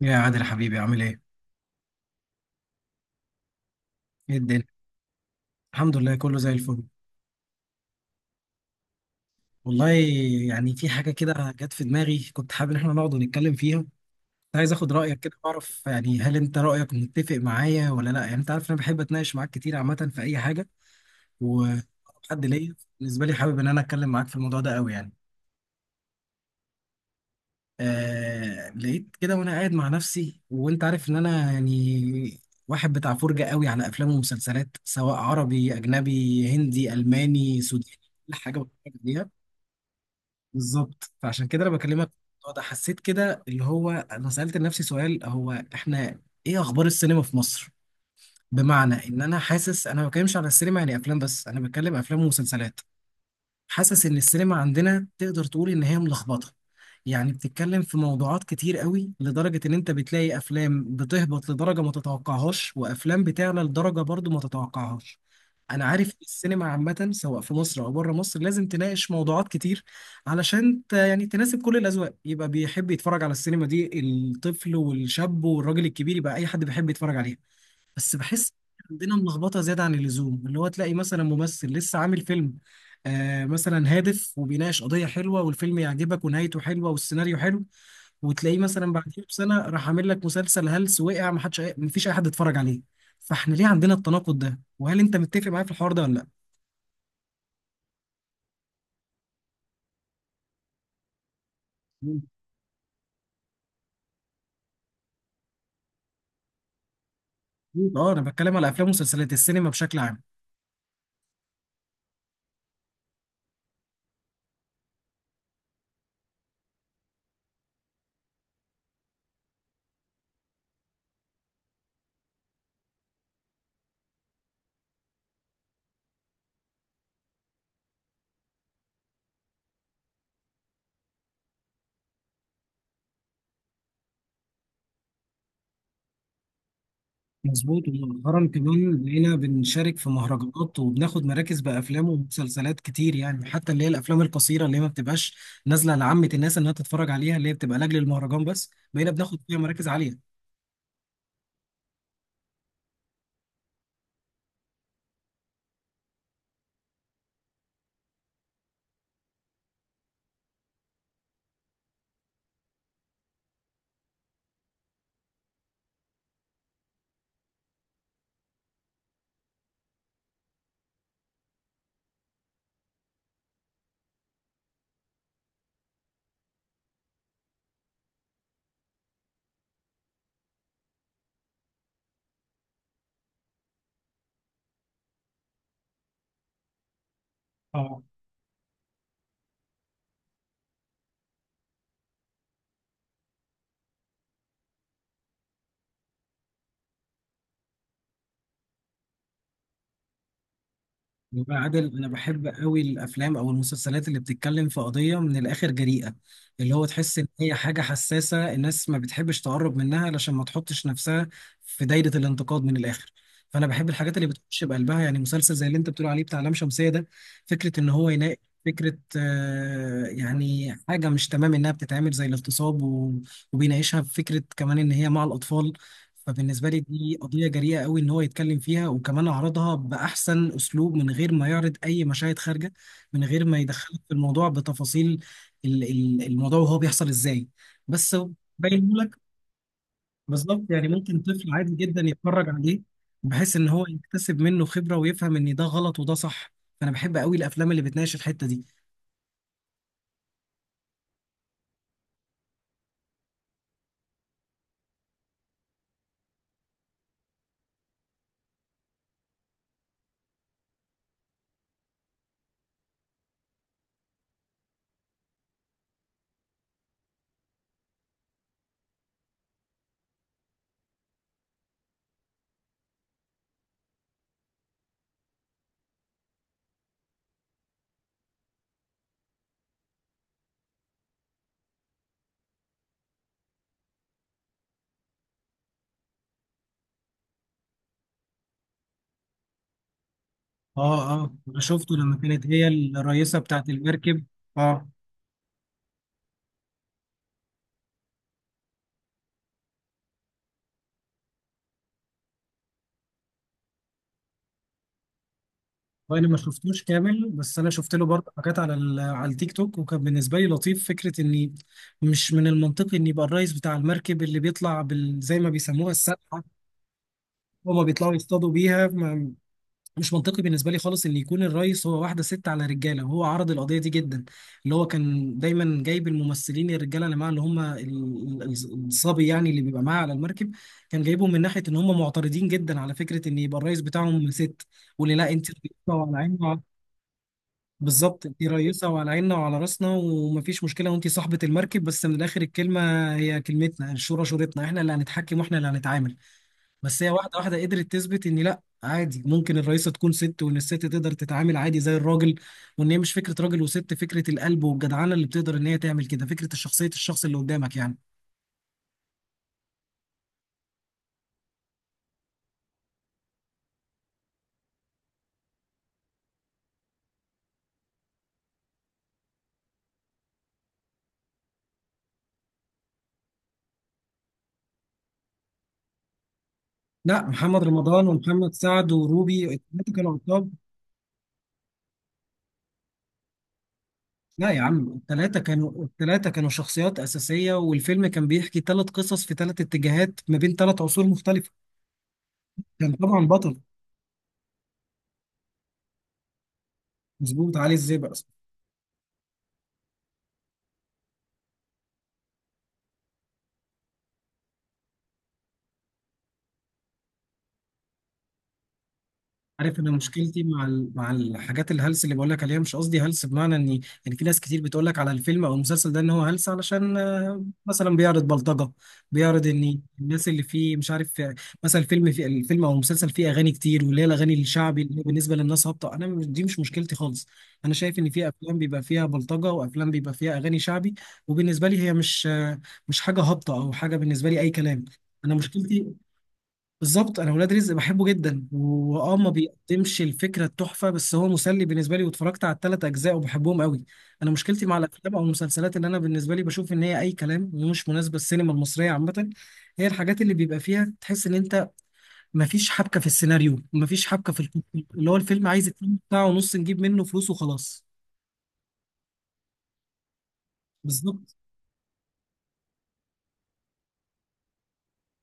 يا عادل حبيبي، عامل ايه؟ ايه الدنيا؟ الحمد لله كله زي الفل. والله يعني في حاجة كده جت في دماغي، كنت حابب ان احنا نقعد ونتكلم فيها. كنت عايز اخد رأيك كده، اعرف يعني هل انت رأيك متفق معايا ولا لا. يعني انت عارف انا بحب اتناقش معاك كتير عامة في اي حاجة وحد ليا. بالنسبة لي حابب ان انا اتكلم معاك في الموضوع ده قوي يعني. آه، لقيت كده وانا قاعد مع نفسي، وانت عارف ان انا يعني واحد بتاع فرجة قوي على افلام ومسلسلات، سواء عربي اجنبي هندي الماني سوداني، كل حاجة بتفرج عليها. بالظبط، فعشان كده انا بكلمك في الموضوع ده. حسيت كده اللي هو انا سألت لنفسي سؤال، هو احنا ايه اخبار السينما في مصر؟ بمعنى ان انا حاسس انا ما بتكلمش على السينما يعني افلام بس، انا بتكلم افلام ومسلسلات. حاسس ان السينما عندنا تقدر تقول ان هي ملخبطه. يعني بتتكلم في موضوعات كتير قوي، لدرجه ان انت بتلاقي افلام بتهبط لدرجه ما تتوقعهاش، وافلام بتعلى لدرجه برضو ما تتوقعهاش. انا عارف إن السينما عامه سواء في مصر او بره مصر لازم تناقش موضوعات كتير يعني تناسب كل الاذواق، يبقى بيحب يتفرج على السينما دي الطفل والشاب والراجل الكبير، يبقى اي حد بيحب يتفرج عليها. بس بحس عندنا ملخبطه زياده عن اللزوم، اللي هو تلاقي مثلا ممثل لسه عامل فيلم آه، مثلا هادف وبيناقش قضيه حلوه، والفيلم يعجبك ونهايته حلوه والسيناريو حلو، وتلاقيه مثلا بعديه بسنه راح عامل لك مسلسل هلس وقع، ما حدش ما فيش اي حد اتفرج عليه. فاحنا ليه عندنا التناقض ده؟ وهل انت متفق معايا في الحوار ده ولا لا؟ مم. اه، انا بتكلم على افلام ومسلسلات السينما بشكل عام. مظبوط، ومؤخرا كمان بقينا بنشارك في مهرجانات وبناخد مراكز بأفلام ومسلسلات كتير، يعني حتى اللي هي الأفلام القصيرة اللي هي ما بتبقاش نازلة لعامة الناس إنها تتفرج عليها، اللي هي بتبقى لأجل المهرجان بس، بقينا بناخد فيها مراكز عالية. اه. والله يا عادل انا بحب قوي الافلام او المسلسلات اللي بتتكلم في قضيه من الاخر جريئه، اللي هو تحس ان هي حاجه حساسه الناس ما بتحبش تقرب منها علشان ما تحطش نفسها في دايره الانتقاد من الاخر. فانا بحب الحاجات اللي بتخش بقلبها، يعني مسلسل زي اللي انت بتقول عليه بتاع لام شمسيه ده، فكره ان هو يناقش فكرة يعني حاجة مش تمام إنها بتتعمل زي الاغتصاب، وبيناقشها بفكرة كمان إن هي مع الأطفال. فبالنسبة لي دي قضية جريئة قوي إن هو يتكلم فيها، وكمان عرضها بأحسن أسلوب من غير ما يعرض أي مشاهد خارجة، من غير ما يدخلك في الموضوع بتفاصيل الموضوع وهو بيحصل إزاي. بس باين لك. بالظبط، يعني ممكن طفل عادي جدا يتفرج عليه بحيث إن هو يكتسب منه خبرة ويفهم إن ده غلط وده صح. فأنا بحب قوي الأفلام اللي بتناقش الحتة دي. آه آه، أنا شفته لما كانت هي الرئيسة بتاعت المركب. آه. هو انا ما شفتوش كامل، بس انا شفت له برضه حاجات على على التيك توك، وكان بالنسبه لي لطيف فكره اني مش من المنطقي ان يبقى الرئيس بتاع المركب اللي بيطلع زي ما بيسموها السبحه، هما بيطلعوا يصطادوا بيها ما... مش منطقي بالنسبه لي خالص ان يكون الرئيس هو واحده ست على رجاله. وهو عرض القضيه دي جدا، اللي هو كان دايما جايب الممثلين الرجاله اللي معاه اللي هم الصبي يعني اللي بيبقى معاه على المركب، كان جايبهم من ناحيه ان هم معترضين جدا على فكره ان يبقى الرئيس بتاعهم ست. واللي لا انت على عيني. بالظبط، انت رئيسة وعلى عيننا وعلى راسنا ومفيش مشكلة وانت صاحبة المركب، بس من الآخر الكلمة هي كلمتنا، الشورى شورتنا، احنا اللي هنتحكم واحنا اللي هنتعامل. بس هي واحدة واحدة قدرت تثبت ان لا، عادي ممكن الرئيسة تكون ست، وان الست تقدر تتعامل عادي زي الراجل، وان هي مش فكرة راجل وست، فكرة القلب والجدعانة اللي بتقدر ان هي تعمل كده، فكرة الشخصية الشخص اللي قدامك يعني. لا، محمد رمضان ومحمد سعد وروبي الثلاثة كانوا عصاب. لا يا عم، التلاتة كانوا، التلاتة كانوا شخصيات أساسية، والفيلم كان بيحكي تلات قصص في تلات اتجاهات ما بين تلات عصور مختلفة. كان طبعا بطل. مظبوط، علي الزئبق. عارف انا مشكلتي مع مع الحاجات الهلس اللي بقول لك عليها، مش قصدي هلس بمعنى اني يعني في ناس كتير بتقول لك على الفيلم او المسلسل ده ان هو هلس علشان مثلا بيعرض بلطجه، بيعرض ان الناس اللي فيه مش عارف مثلا الفيلم، في الفيلم او المسلسل فيه اغاني كتير واللي هي الاغاني الشعبي اللي هي بالنسبه للناس هابطه. انا مش- دي مش مشكلتي خالص. انا شايف ان في افلام بيبقى فيها بلطجه وافلام بيبقى فيها اغاني شعبي، وبالنسبه لي هي مش مش حاجه هابطه او حاجه بالنسبه لي اي كلام. انا مشكلتي، بالظبط انا ولاد رزق بحبه جدا، واه ما بيقدمش الفكره التحفه بس هو مسلي بالنسبه لي، واتفرجت على الثلاث اجزاء وبحبهم قوي. انا مشكلتي مع الافلام او المسلسلات اللي انا بالنسبه لي بشوف ان هي اي كلام ومش مناسبه السينما المصريه عامه، هي الحاجات اللي بيبقى فيها تحس ان انت ما فيش حبكه في السيناريو، ما فيش حبكه في القصة، اللي هو الفيلم عايز اتنين ساعه ونص نجيب منه فلوس وخلاص. بالظبط،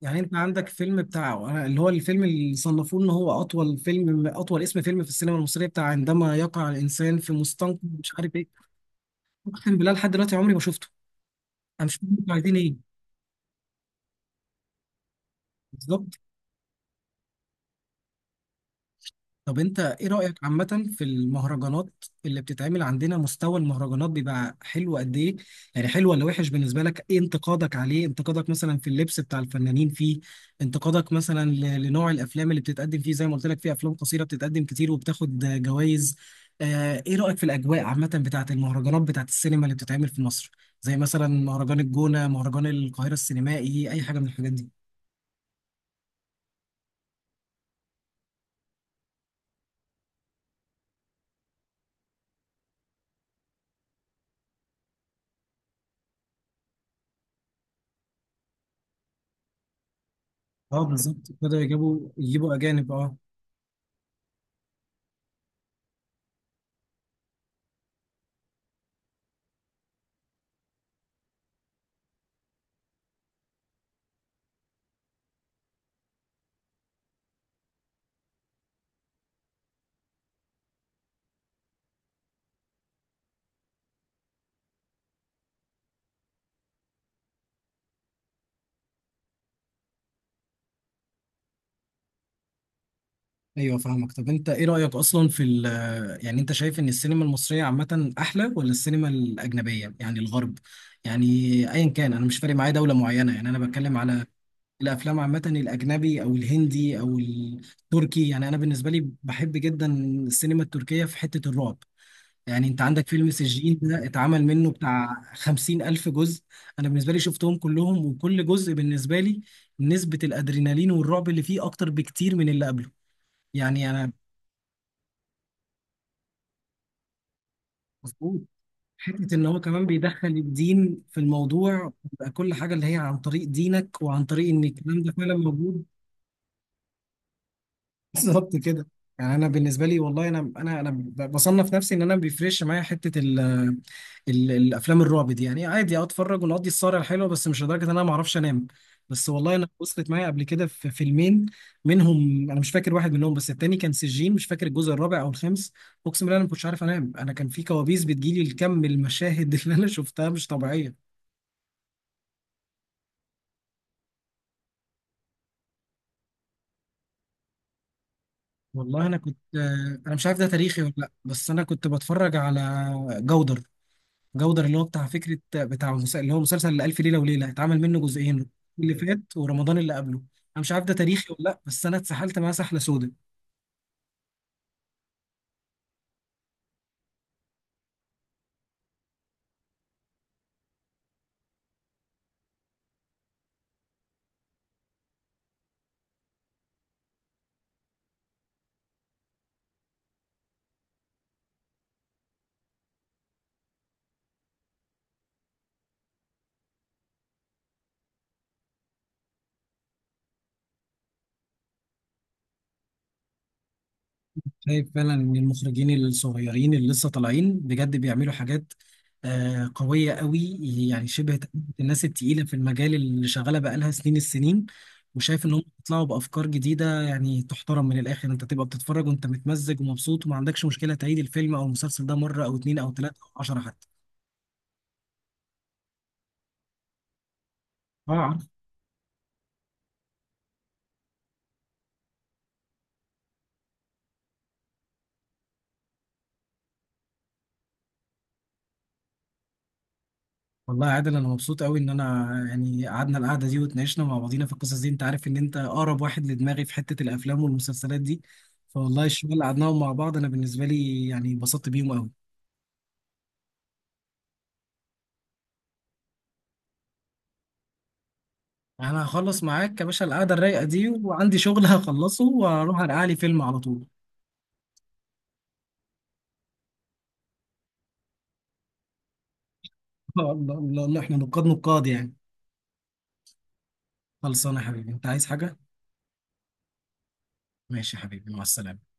يعني انت عندك فيلم بتاع اللي هو الفيلم اللي صنفوه ان هو اطول فيلم، اطول اسم فيلم في السينما المصريه بتاع "عندما يقع الانسان في مستنقع مش عارف ايه". اقسم بالله لحد دلوقتي عمري ما شفته. انا مش فاهم انتوا عايزين ايه. بالظبط. طب انت ايه رايك عامه في المهرجانات اللي بتتعمل عندنا؟ مستوى المهرجانات بيبقى حلو قد ايه؟ يعني حلو ولا وحش بالنسبه لك؟ ايه انتقادك عليه؟ انتقادك مثلا في اللبس بتاع الفنانين فيه؟ انتقادك مثلا لنوع الافلام اللي بتتقدم فيه؟ زي ما قلت لك في افلام قصيره بتتقدم كتير وبتاخد جوائز. ايه رايك في الاجواء عامه بتاعه المهرجانات بتاعه السينما اللي بتتعمل في مصر، زي مثلا مهرجان الجونه، مهرجان القاهره السينمائي، اي حاجه من الحاجات دي؟ اه بالظبط، بدأوا يجيبوا اجانب. اه. ايوه فاهمك. طب انت ايه رأيك اصلا في ال، يعني انت شايف ان السينما المصرية عامة احلى ولا السينما الاجنبية يعني الغرب؟ يعني ايا كان، انا مش فارق معايا دولة معينة، يعني انا بتكلم على الافلام عامة، الاجنبي او الهندي او التركي. يعني انا بالنسبة لي بحب جدا السينما التركية في حتة الرعب. يعني انت عندك فيلم سجين ده اتعمل منه بتاع 50,000 جزء، انا بالنسبة لي شفتهم كلهم، وكل جزء بالنسبة لي نسبة الادرينالين والرعب اللي فيه اكتر بكتير من اللي قبله. يعني انا، مظبوط. حتة ان هو كمان بيدخل الدين في الموضوع، بيبقى كل حاجة اللي هي عن طريق دينك وعن طريق ان الكلام ده فعلا موجود. بالظبط كده. يعني انا بالنسبه لي والله، انا بصنف نفسي ان انا ما بيفرقش معايا حته ال ال الافلام الرعب دي، يعني عادي اتفرج ونقضي السهره الحلوه، بس مش لدرجه ان انا ما اعرفش انام. بس والله انا وصلت معايا قبل كده في فيلمين منهم، انا مش فاكر واحد منهم بس التاني كان سجين، مش فاكر الجزء الرابع او الخامس. اقسم بالله انا ما كنتش عارف انام، انا كان في كوابيس بتجيلي، الكم المشاهد اللي انا شفتها مش طبيعيه. والله انا كنت، انا مش عارف ده تاريخي ولا لا، بس انا كنت بتفرج على جودر. جودر اللي هو بتاع فكرة اللي هو مسلسل ألف ليلة وليلة، اتعمل منه جزئين، اللي فات ورمضان اللي قبله. أنا مش عارف ده تاريخي ولا لأ، بس أنا اتسحلت معاه سحلة سودا. شايف فعلا إن المخرجين الصغيرين اللي لسه طالعين بجد بيعملوا حاجات آه قوية قوي، يعني شبه تقلد الناس التقيلة في المجال اللي شغالة بقالها سنين السنين. وشايف إنهم بيطلعوا بأفكار جديدة يعني تحترم من الآخر، أنت تبقى بتتفرج وأنت متمزج ومبسوط وما عندكش مشكلة تعيد الفيلم أو المسلسل ده مرة أو اتنين أو تلاتة أو 10 حتى. اه. والله يا عادل انا مبسوط قوي ان انا يعني قعدنا القعده دي واتناقشنا مع بعضينا في القصص دي، انت عارف ان انت اقرب واحد لدماغي في حته الافلام والمسلسلات دي، فوالله الشباب اللي قعدناهم مع بعض انا بالنسبه لي يعني اتبسطت بيهم قوي. انا هخلص معاك يا باشا القعده الرايقه دي، وعندي شغل هخلصه واروح ارقع لي فيلم على طول. الله الله الله، احنا نقاد نقاد يعني. خلصانه يا حبيبي، انت عايز حاجه؟ ماشي يا حبيبي، مع السلامه.